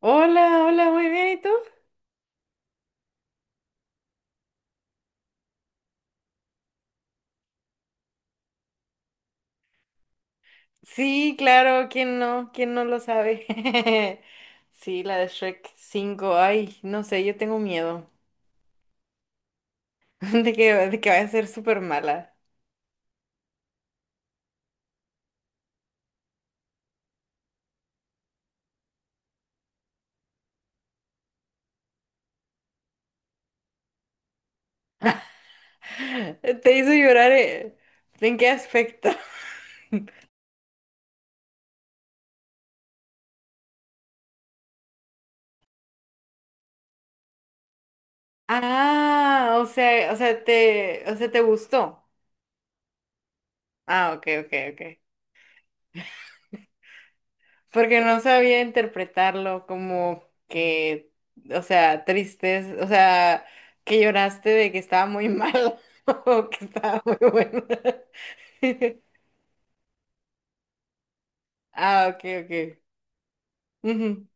Hola, hola, muy bien, ¿y tú? Sí, claro, ¿quién no? ¿Quién no lo sabe? Sí, la de Shrek cinco, ay, no sé, yo tengo miedo de que vaya a ser súper mala. Te hizo llorar, ¿En qué aspecto? Ah, o sea, te gustó. Ah, ok, ok, ok. Porque no sabía interpretarlo como que, o sea, tristeza, o sea, que lloraste de que estaba muy malo o que estaba muy bueno. Ah, ok, ok. Ujú.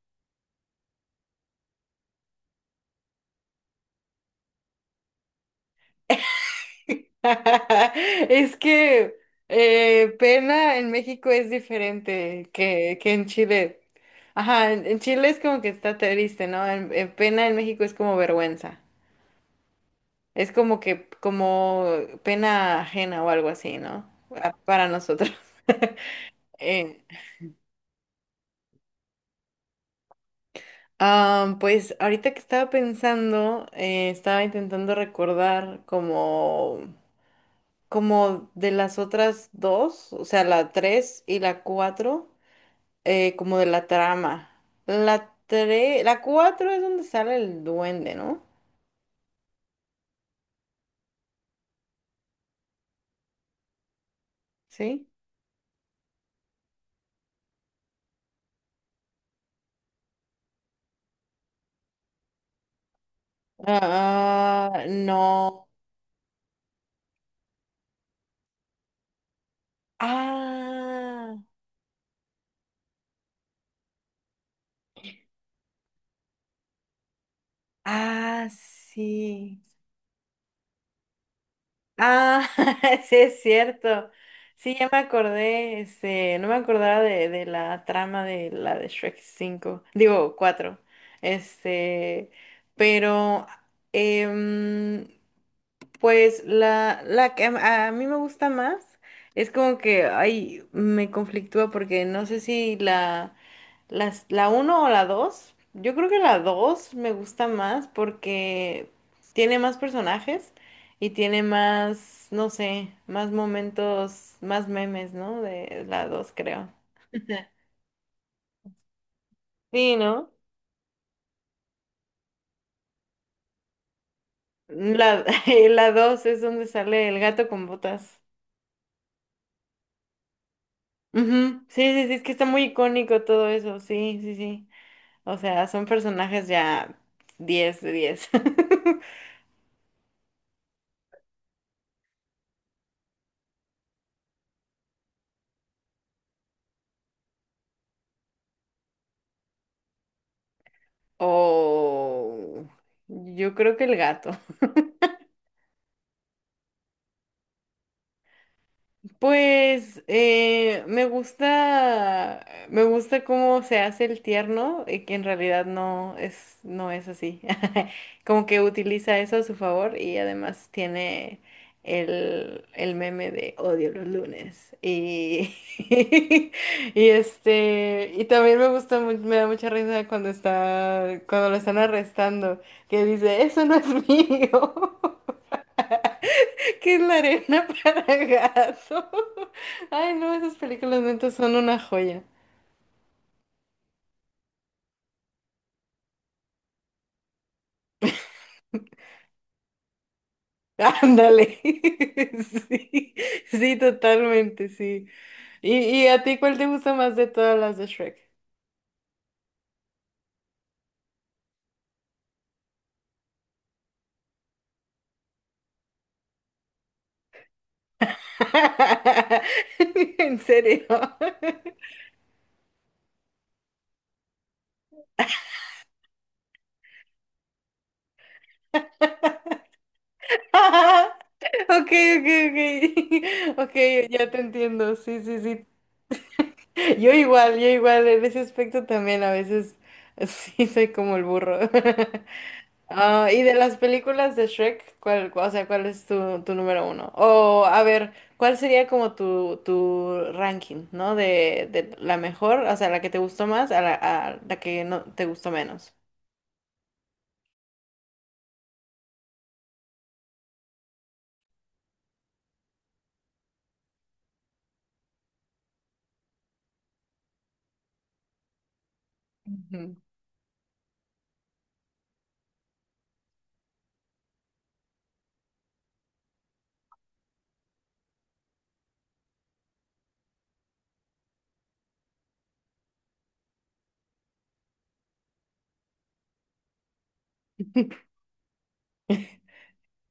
Es que pena en México es diferente que en Chile. Ajá, en Chile es como que está triste, ¿no? En pena en México es como vergüenza. Es como pena ajena o algo así, ¿no? Ah, para nosotros. Eh, ah, pues ahorita que estaba pensando, estaba intentando recordar como de las otras dos, o sea, la tres y la cuatro, como de la trama. La tres, la cuatro es donde sale el duende, ¿no? ¿Sí? Ah, ah, no. Ah, ah, sí. Ah, sí es cierto. Sí, ya me acordé, este, no me acordaba de la trama de la de Shrek cinco digo cuatro. Este, pero em, pues la que a mí me gusta más es como que ay, me conflictúa porque no sé si la la uno o la dos. Yo creo que la 2 me gusta más porque tiene más personajes y tiene más, no sé, más momentos, más memes, ¿no? De la 2 creo. Sí, ¿no? La, la 2 es donde sale el gato con botas. Ujú, sí, sí, sí, es que está muy icónico todo eso, sí, sí, sí. O sea, son personajes ya 10 de 10. O yo creo que el gato. Pues me gusta cómo se hace el tierno y que en realidad no es así. Como que utiliza eso a su favor y además tiene el meme de odio los lunes. Y, y este, y también me gusta, me da mucha risa cuando lo están arrestando, que dice, eso no es mío. ¿Qué es la arena para gato? Ay, no, esas películas neta son una joya. Ándale. Sí, sí, totalmente, sí. ¿Y a ti cuál te gusta más de todas las de Shrek? ¿En serio? Ok, ok, ok. Ok, ya te entiendo. Sí, sí, sí. Yo igual, en ese aspecto también a veces sí soy como el burro. Ah, y de las películas de Shrek, o sea, cuál es tu número uno? O, a ver, ¿cuál sería como tu ranking, ¿no? De la mejor, o sea, la que te gustó más a la que no te gustó menos. Ujú.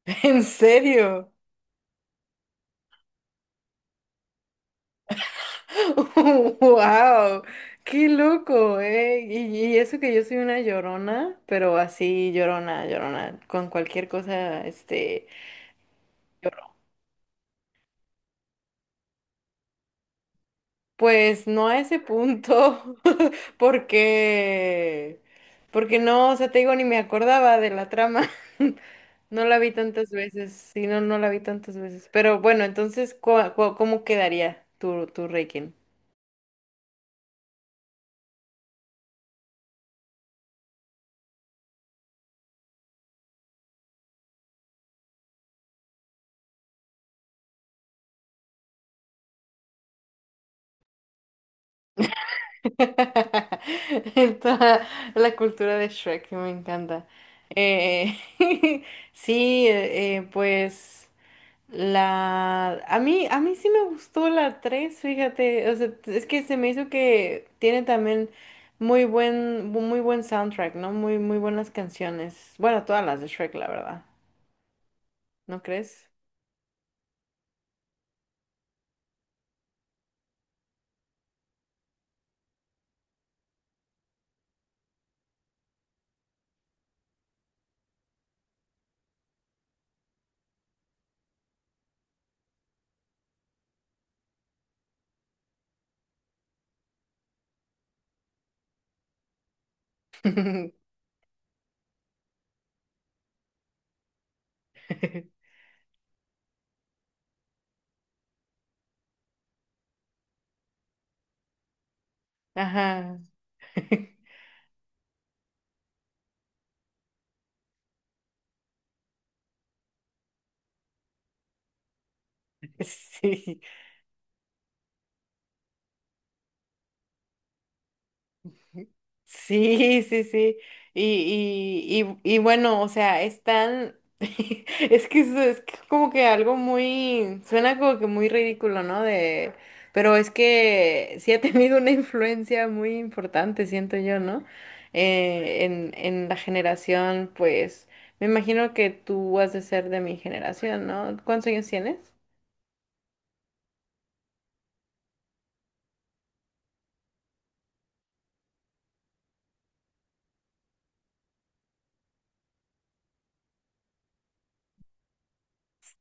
¿En serio? ¡Wow! ¡Qué loco, eh! Y eso que yo soy una llorona, pero así llorona, llorona, con cualquier cosa, este, lloro. Pues no a ese punto, Porque, porque no, o sea, te digo, ni me acordaba de la trama. No la vi tantas veces, sí, no, no la vi tantas veces. Pero bueno, entonces, cómo quedaría tu Reiken? En toda la cultura de Shrek, que me encanta. Eh, sí, pues. A mí sí me gustó la 3 fíjate, o sea, es que se me hizo que tiene también muy buen soundtrack, ¿no? Muy, muy buenas canciones. Bueno, todas las de Shrek, la verdad, ¿no crees? Ajá. Sí. Sí, sí, sí. Y, y bueno, o sea, están. Es que como que algo muy. Suena como que muy ridículo, ¿no? De. Pero es que sí ha tenido una influencia muy importante, siento yo, ¿no? En la generación, pues. Me imagino que tú has de ser de mi generación, ¿no? ¿Cuántos años tienes?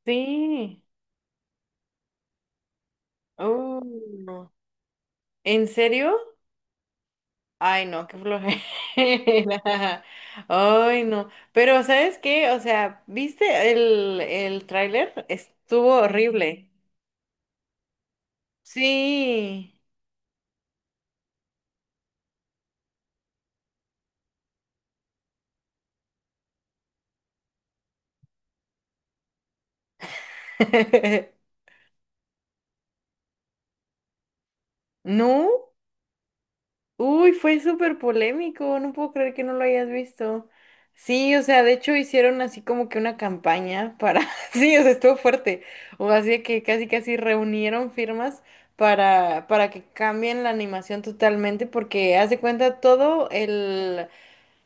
Sí. Oh. ¿En serio? Ay, no, qué flojera. Ay, no. Pero, ¿sabes qué? O sea, ¿viste el tráiler? Estuvo horrible. Sí. ¿No? Uy, fue súper polémico. No puedo creer que no lo hayas visto. Sí, o sea, de hecho hicieron así como que una campaña para... Sí, o sea, estuvo fuerte. O así de que casi casi reunieron firmas para que cambien la animación totalmente porque haz de cuenta todo el...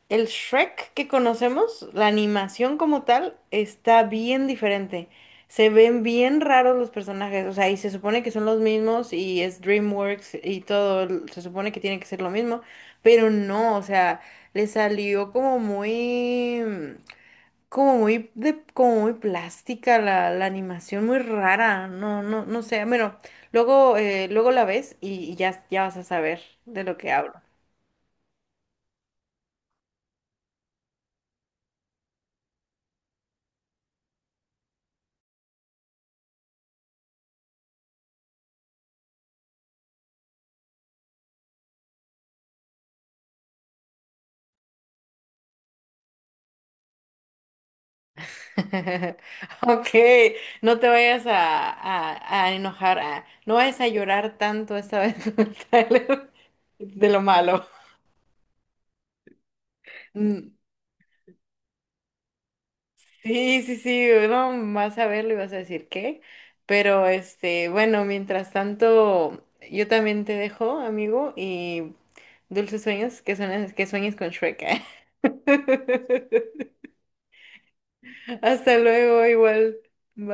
El Shrek que conocemos, la animación como tal, está bien diferente. Se ven bien raros los personajes, o sea, y se supone que son los mismos y es DreamWorks y todo, se supone que tiene que ser lo mismo, pero no, o sea, le salió como muy, como muy, como muy plástica la animación, muy rara, no, no, no sé, bueno, luego la ves y ya vas a saber de lo que hablo. Ok, no te vayas a enojar, no vayas a llorar tanto esta vez con el tráiler de lo malo. Mm, sí, sí, sí, no vas a verlo y vas a decir qué, pero este, bueno, mientras tanto, yo también te dejo, amigo, y dulces sueños, que sueñes con Shrek. ¿Eh? Hasta luego, igual. Bye.